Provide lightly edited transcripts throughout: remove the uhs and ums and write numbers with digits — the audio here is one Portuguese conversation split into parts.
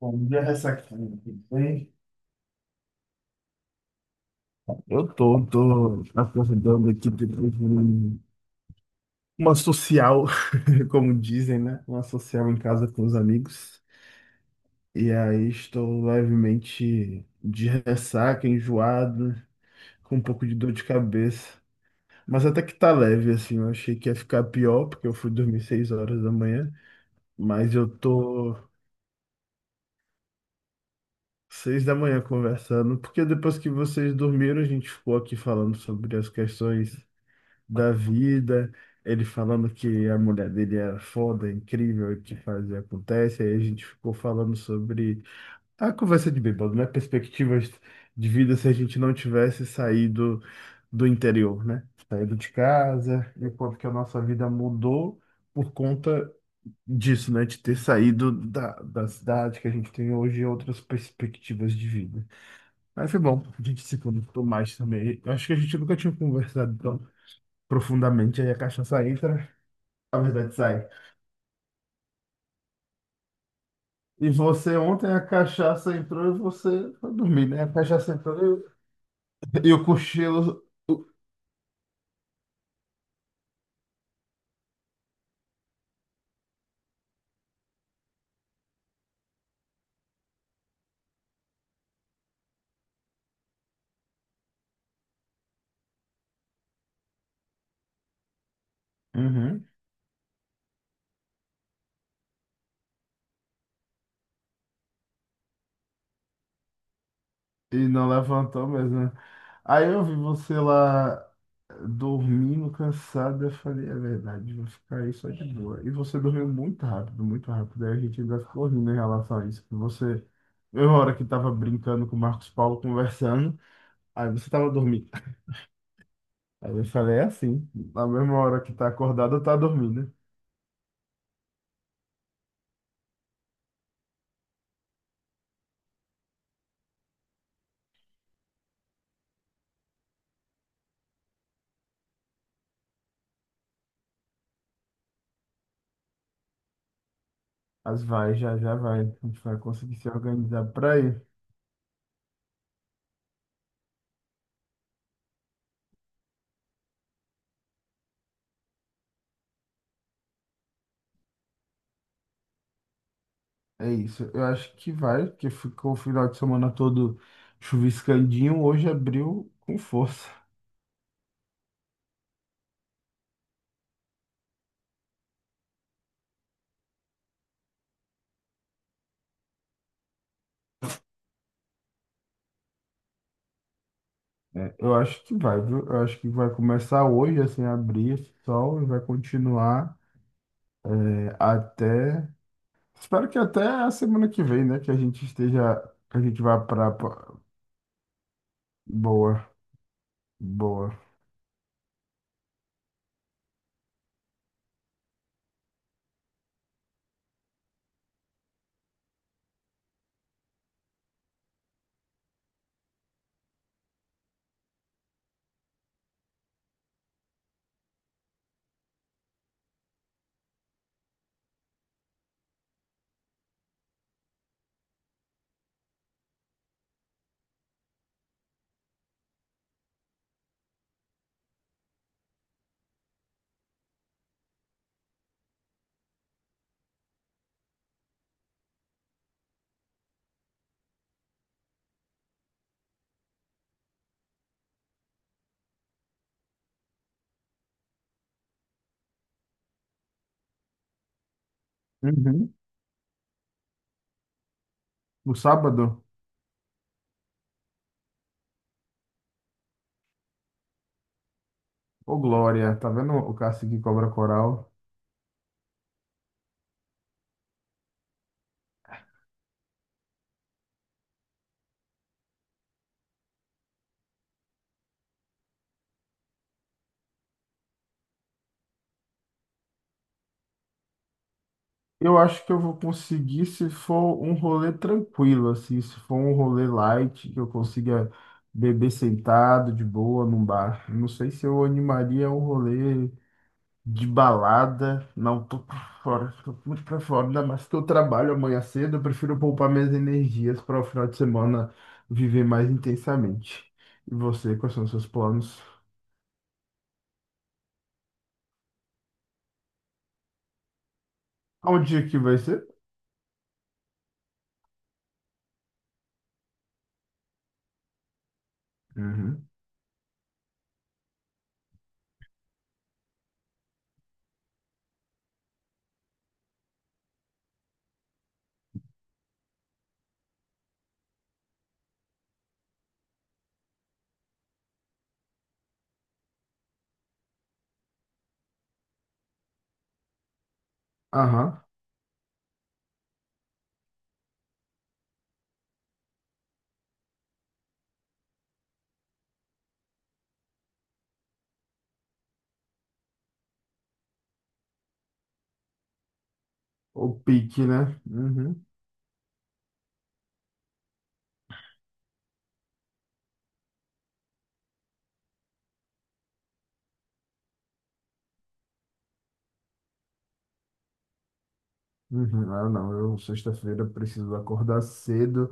Bom dia, Ressacando. Tudo bem? Eu tô, acordando aqui uma social, como dizem, né? Uma social em casa com os amigos. E aí estou levemente de ressaca, enjoado, com um pouco de dor de cabeça. Mas até que tá leve, assim. Eu achei que ia ficar pior, porque eu fui dormir seis horas da manhã. Mas eu tô seis da manhã conversando, porque depois que vocês dormiram, a gente ficou aqui falando sobre as questões da vida, ele falando que a mulher dele era foda, incrível, e que fazia acontece. Aí a gente ficou falando sobre a conversa de bêbado, né? Perspectivas de vida se a gente não tivesse saído do interior, né? Saído de casa, e o quanto que a nossa vida mudou por conta disso, né? De ter saído da cidade que a gente tem hoje e outras perspectivas de vida. Mas foi bom, a gente se conectou mais também. Eu acho que a gente nunca tinha conversado profundamente, aí a cachaça entra, a verdade sai. E você ontem a cachaça entrou e você foi dormir, né? A cachaça entrou e, o- E o cochilo. Uhum. E não levantou mesmo, né? Aí eu vi você lá dormindo, cansado, eu falei, é verdade, vou ficar aí só de boa. E você dormiu muito rápido, muito rápido. Aí a gente ainda ficou rindo em relação a isso. que Você, eu, na hora que tava brincando com o Marcos Paulo, conversando, aí você tava dormindo. Aí eu falei é assim, na mesma hora que tá acordado, tá dormindo. Né?" Mas vai, já vai. A gente vai conseguir se organizar pra ir. É isso. Eu acho que vai, porque ficou o final de semana todo chuviscandinho. Hoje abriu com força. É, eu acho que vai, viu? Eu acho que vai começar hoje, assim, a abrir esse sol e vai continuar é, até. Espero que até a semana que vem, né? Que a gente esteja. Que a gente vá pra. Pra- Boa, boa. Uhum. No sábado? Ô, Glória, tá vendo o Cássio que cobra coral? Eu acho que eu vou conseguir se for um rolê tranquilo, assim, se for um rolê light, que eu consiga beber sentado, de boa, num bar. Não sei se eu animaria um rolê de balada. Não, tô por fora, tô muito pra fora, ainda mais que eu trabalho amanhã cedo, eu prefiro poupar minhas energias para o final de semana viver mais intensamente. E você, quais são os seus planos? Onde que vai ser? Uhum. Aham. O pique, né? Uhum, uhum. Ah, não, eu sexta-feira preciso acordar cedo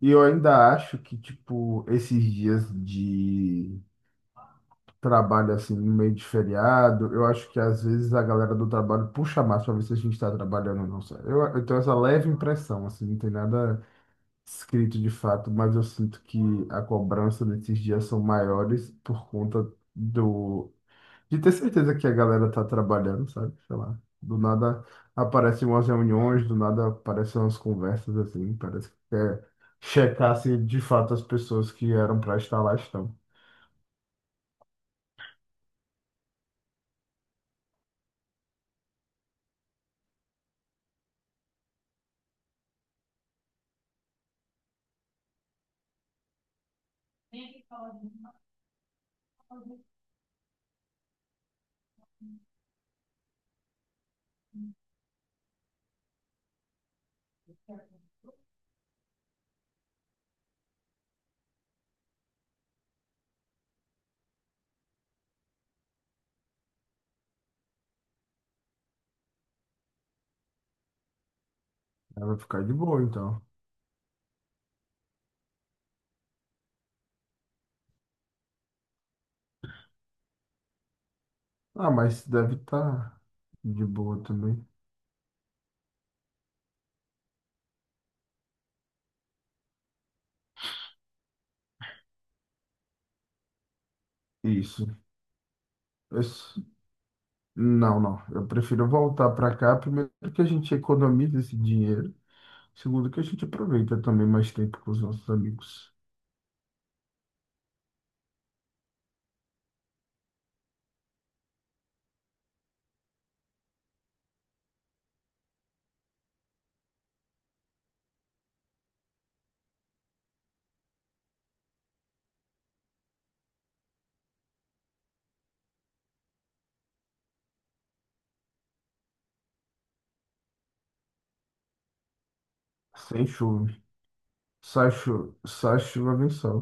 e eu ainda acho que, tipo, esses dias de trabalho, assim, no meio de feriado, eu acho que às vezes a galera do trabalho puxa mais pra ver se a gente tá trabalhando ou não, sabe? Eu tenho essa leve impressão, assim, não tem nada escrito de fato, mas eu sinto que a cobrança desses dias são maiores por conta do de ter certeza que a galera tá trabalhando, sabe? Sei lá. Do nada aparecem umas reuniões, do nada aparecem umas conversas assim. Parece que quer checar se de fato as pessoas que eram pra estar lá estão. Ela vai ficar de boa, então. Ah, mas deve estar de boa também. Isso. Isso. Não, não. Eu prefiro voltar para cá. Primeiro que a gente economiza esse dinheiro. Segundo que a gente aproveita também mais tempo com os nossos amigos. Sem chuva. Sai chuva, sai chuva, vem sol.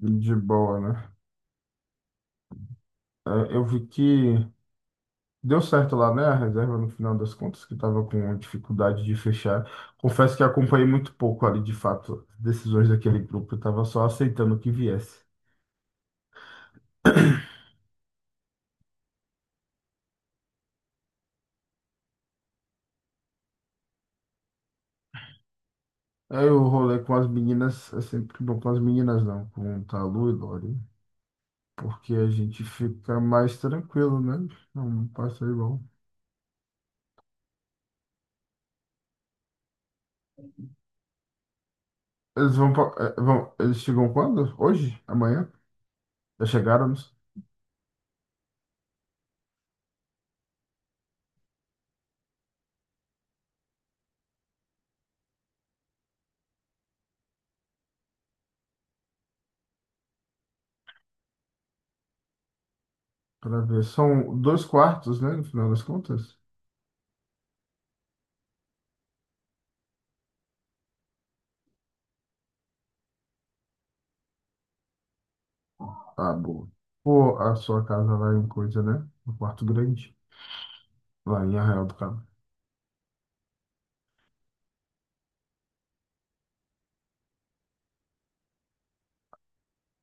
De boa, né? É, eu vi que deu certo lá, né? A reserva, no final das contas, que estava com dificuldade de fechar. Confesso que acompanhei muito pouco ali, de fato, as decisões daquele grupo. Eu estava só aceitando que viesse. Aí eu rolei com as meninas, é sempre bom com as meninas, não, com Talu e Lori, porque a gente fica mais tranquilo, né? É um passeio bom. Eles vão, pa- eh, vão, eles chegam quando? Hoje? Amanhã? Já chegaram? Para ver. São dois quartos, né? No final das contas. Ah, boa. Pô, a sua casa lá em coisa, né? No quarto grande. Lá em Arraial do Cabo.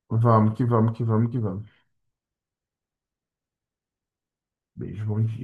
Vamos que vamos. Beijo, bom dia.